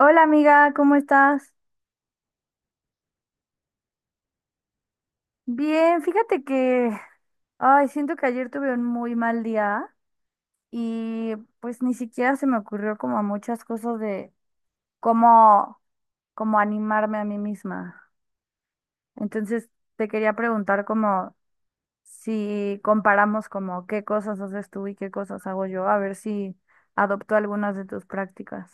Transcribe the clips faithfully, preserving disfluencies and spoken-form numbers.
Hola amiga, ¿cómo estás? Bien, fíjate que, ay, siento que ayer tuve un muy mal día y pues ni siquiera se me ocurrió como muchas cosas de cómo, cómo animarme a mí misma. Entonces te quería preguntar como si comparamos como qué cosas haces tú y qué cosas hago yo, a ver si adopto algunas de tus prácticas.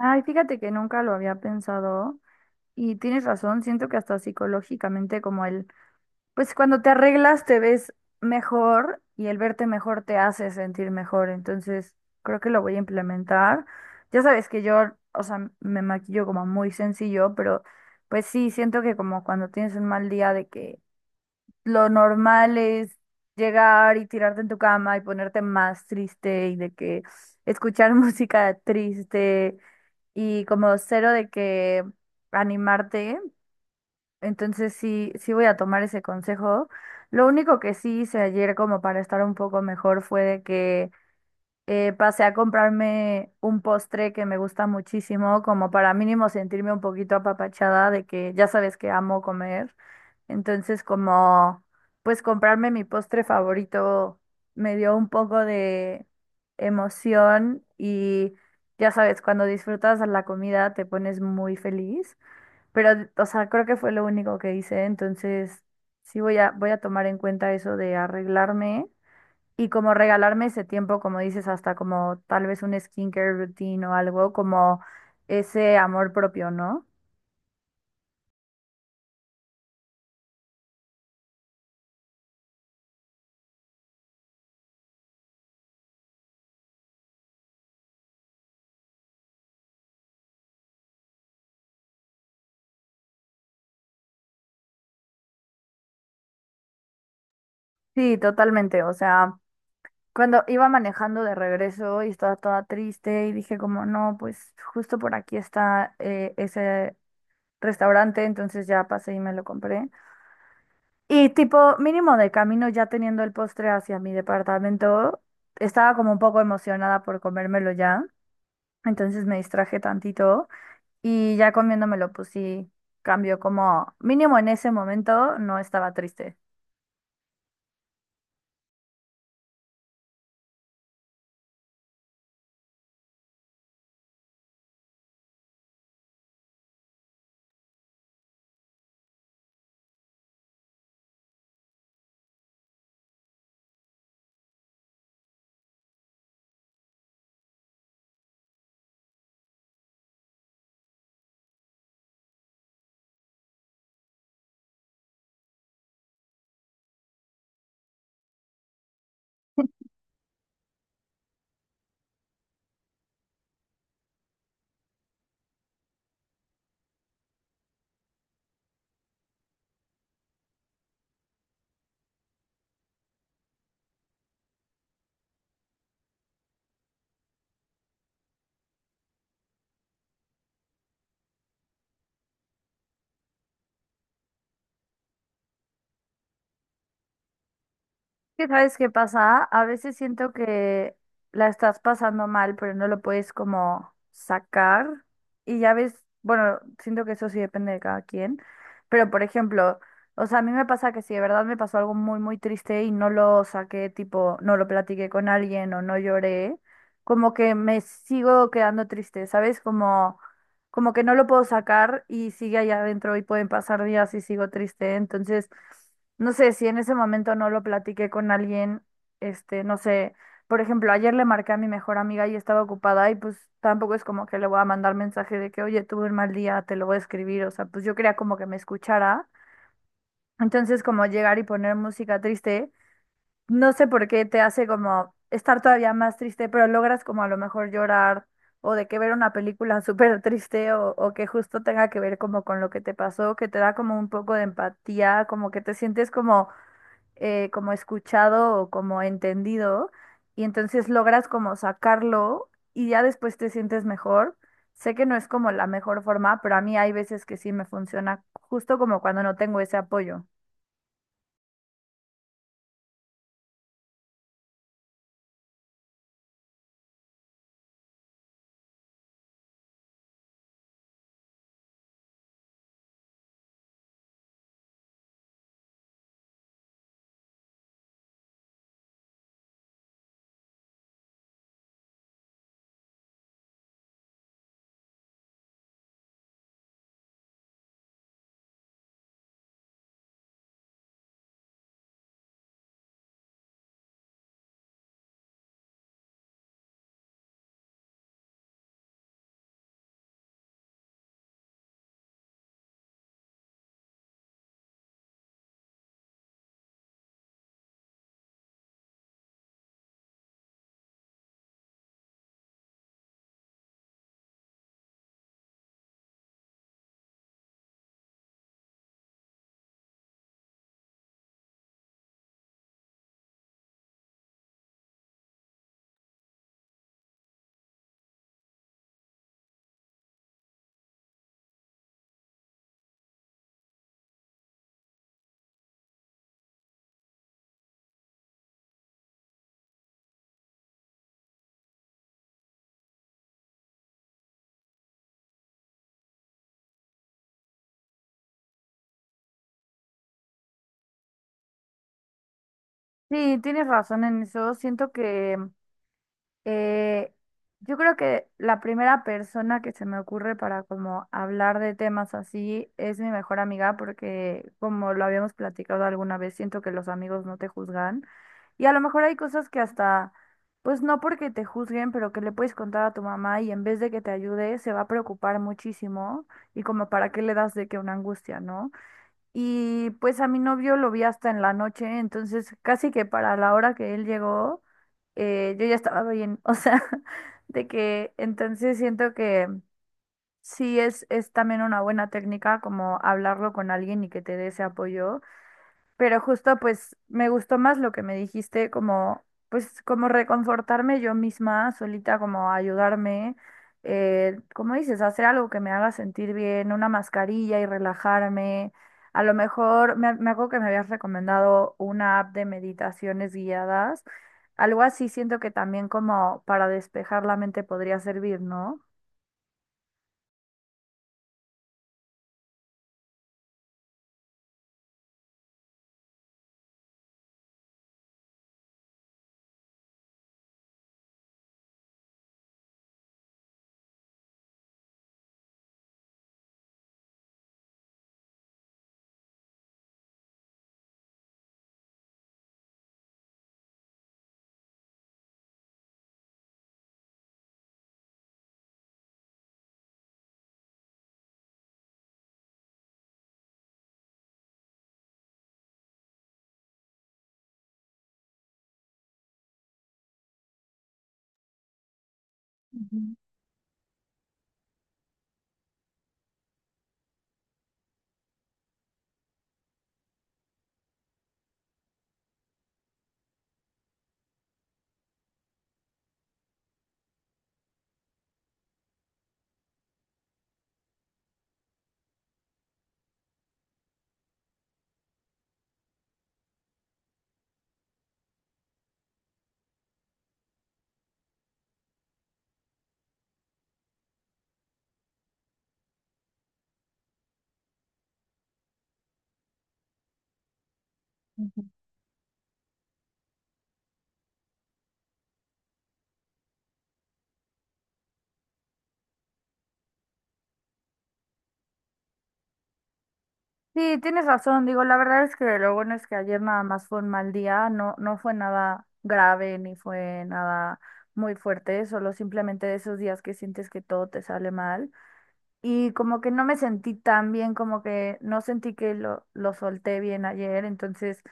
Ay, fíjate que nunca lo había pensado y tienes razón, siento que hasta psicológicamente como el pues cuando te arreglas te ves mejor y el verte mejor te hace sentir mejor. Entonces, creo que lo voy a implementar. Ya sabes que yo, o sea, me maquillo como muy sencillo, pero pues sí, siento que como cuando tienes un mal día de que lo normal es llegar y tirarte en tu cama y ponerte más triste y de que escuchar música triste y como cero de que animarte. Entonces sí, sí voy a tomar ese consejo. Lo único que sí hice ayer como para estar un poco mejor fue de que eh, pasé a comprarme un postre que me gusta muchísimo, como para mínimo sentirme un poquito apapachada de que ya sabes que amo comer. Entonces como pues comprarme mi postre favorito me dio un poco de emoción y ya sabes, cuando disfrutas la comida te pones muy feliz. Pero, o sea, creo que fue lo único que hice, entonces sí voy a, voy a tomar en cuenta eso de arreglarme y como regalarme ese tiempo, como dices, hasta como tal vez un skincare routine o algo, como ese amor propio, ¿no? Sí, totalmente, o sea, cuando iba manejando de regreso y estaba toda triste y dije como, no, pues justo por aquí está eh, ese restaurante, entonces ya pasé y me lo compré. Y tipo, mínimo de camino ya teniendo el postre hacia mi departamento, estaba como un poco emocionada por comérmelo ya, entonces me distraje tantito y ya comiéndomelo pues sí, cambió como, mínimo en ese momento no estaba triste. ¿Que sabes qué pasa? A veces siento que la estás pasando mal, pero no lo puedes como sacar. Y ya ves, bueno, siento que eso sí depende de cada quien. Pero por ejemplo, o sea, a mí me pasa que si de verdad me pasó algo muy, muy triste y no lo saqué, tipo, no lo platiqué con alguien o no lloré, como que me sigo quedando triste, ¿sabes? Como, como que no lo puedo sacar y sigue allá adentro y pueden pasar días y sigo triste. Entonces... no sé si en ese momento no lo platiqué con alguien, este, no sé, por ejemplo, ayer le marqué a mi mejor amiga y estaba ocupada y pues tampoco es como que le voy a mandar mensaje de que, oye, tuve un mal día, te lo voy a escribir, o sea, pues yo quería como que me escuchara. Entonces, como llegar y poner música triste, no sé por qué te hace como estar todavía más triste, pero logras como a lo mejor llorar o de que ver una película súper triste o, o que justo tenga que ver como con lo que te pasó, que te da como un poco de empatía, como que te sientes como eh, como escuchado o como entendido y entonces logras como sacarlo y ya después te sientes mejor. Sé que no es como la mejor forma, pero a mí hay veces que sí me funciona, justo como cuando no tengo ese apoyo. Sí, tienes razón en eso. Siento que Eh, yo creo que la primera persona que se me ocurre para como hablar de temas así es mi mejor amiga porque como lo habíamos platicado alguna vez, siento que los amigos no te juzgan y a lo mejor hay cosas que hasta, pues no porque te juzguen, pero que le puedes contar a tu mamá y en vez de que te ayude se va a preocupar muchísimo y como para qué le das de que una angustia, ¿no? Y pues a mi novio lo vi hasta en la noche, entonces casi que para la hora que él llegó, eh, yo ya estaba bien. O sea, de que entonces siento que sí es, es también una buena técnica como hablarlo con alguien y que te dé ese apoyo. Pero justo pues me gustó más lo que me dijiste, como pues como reconfortarme yo misma, solita, como ayudarme, eh, como dices, hacer algo que me haga sentir bien, una mascarilla y relajarme. A lo mejor me, me acuerdo que me habías recomendado una app de meditaciones guiadas. Algo así siento que también como para despejar la mente podría servir, ¿no? Ujú, ujú. Sí, tienes razón. Digo, la verdad es que lo bueno es que ayer nada más fue un mal día, no, no fue nada grave ni fue nada muy fuerte, solo simplemente de esos días que sientes que todo te sale mal. Y como que no me sentí tan bien, como que no sentí que lo, lo solté bien ayer, entonces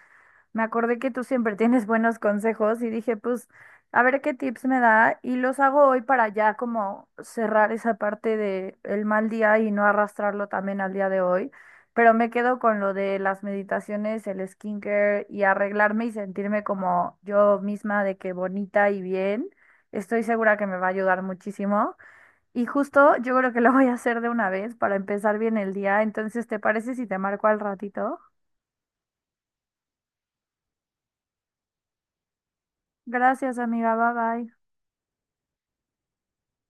me acordé que tú siempre tienes buenos consejos y dije, pues, a ver qué tips me da y los hago hoy para ya como cerrar esa parte de el mal día y no arrastrarlo también al día de hoy. Pero me quedo con lo de las meditaciones, el skincare y arreglarme y sentirme como yo misma de que bonita y bien. Estoy segura que me va a ayudar muchísimo. Y justo yo creo que lo voy a hacer de una vez para empezar bien el día. Entonces, ¿te parece si te marco al ratito? Gracias, amiga. Bye bye.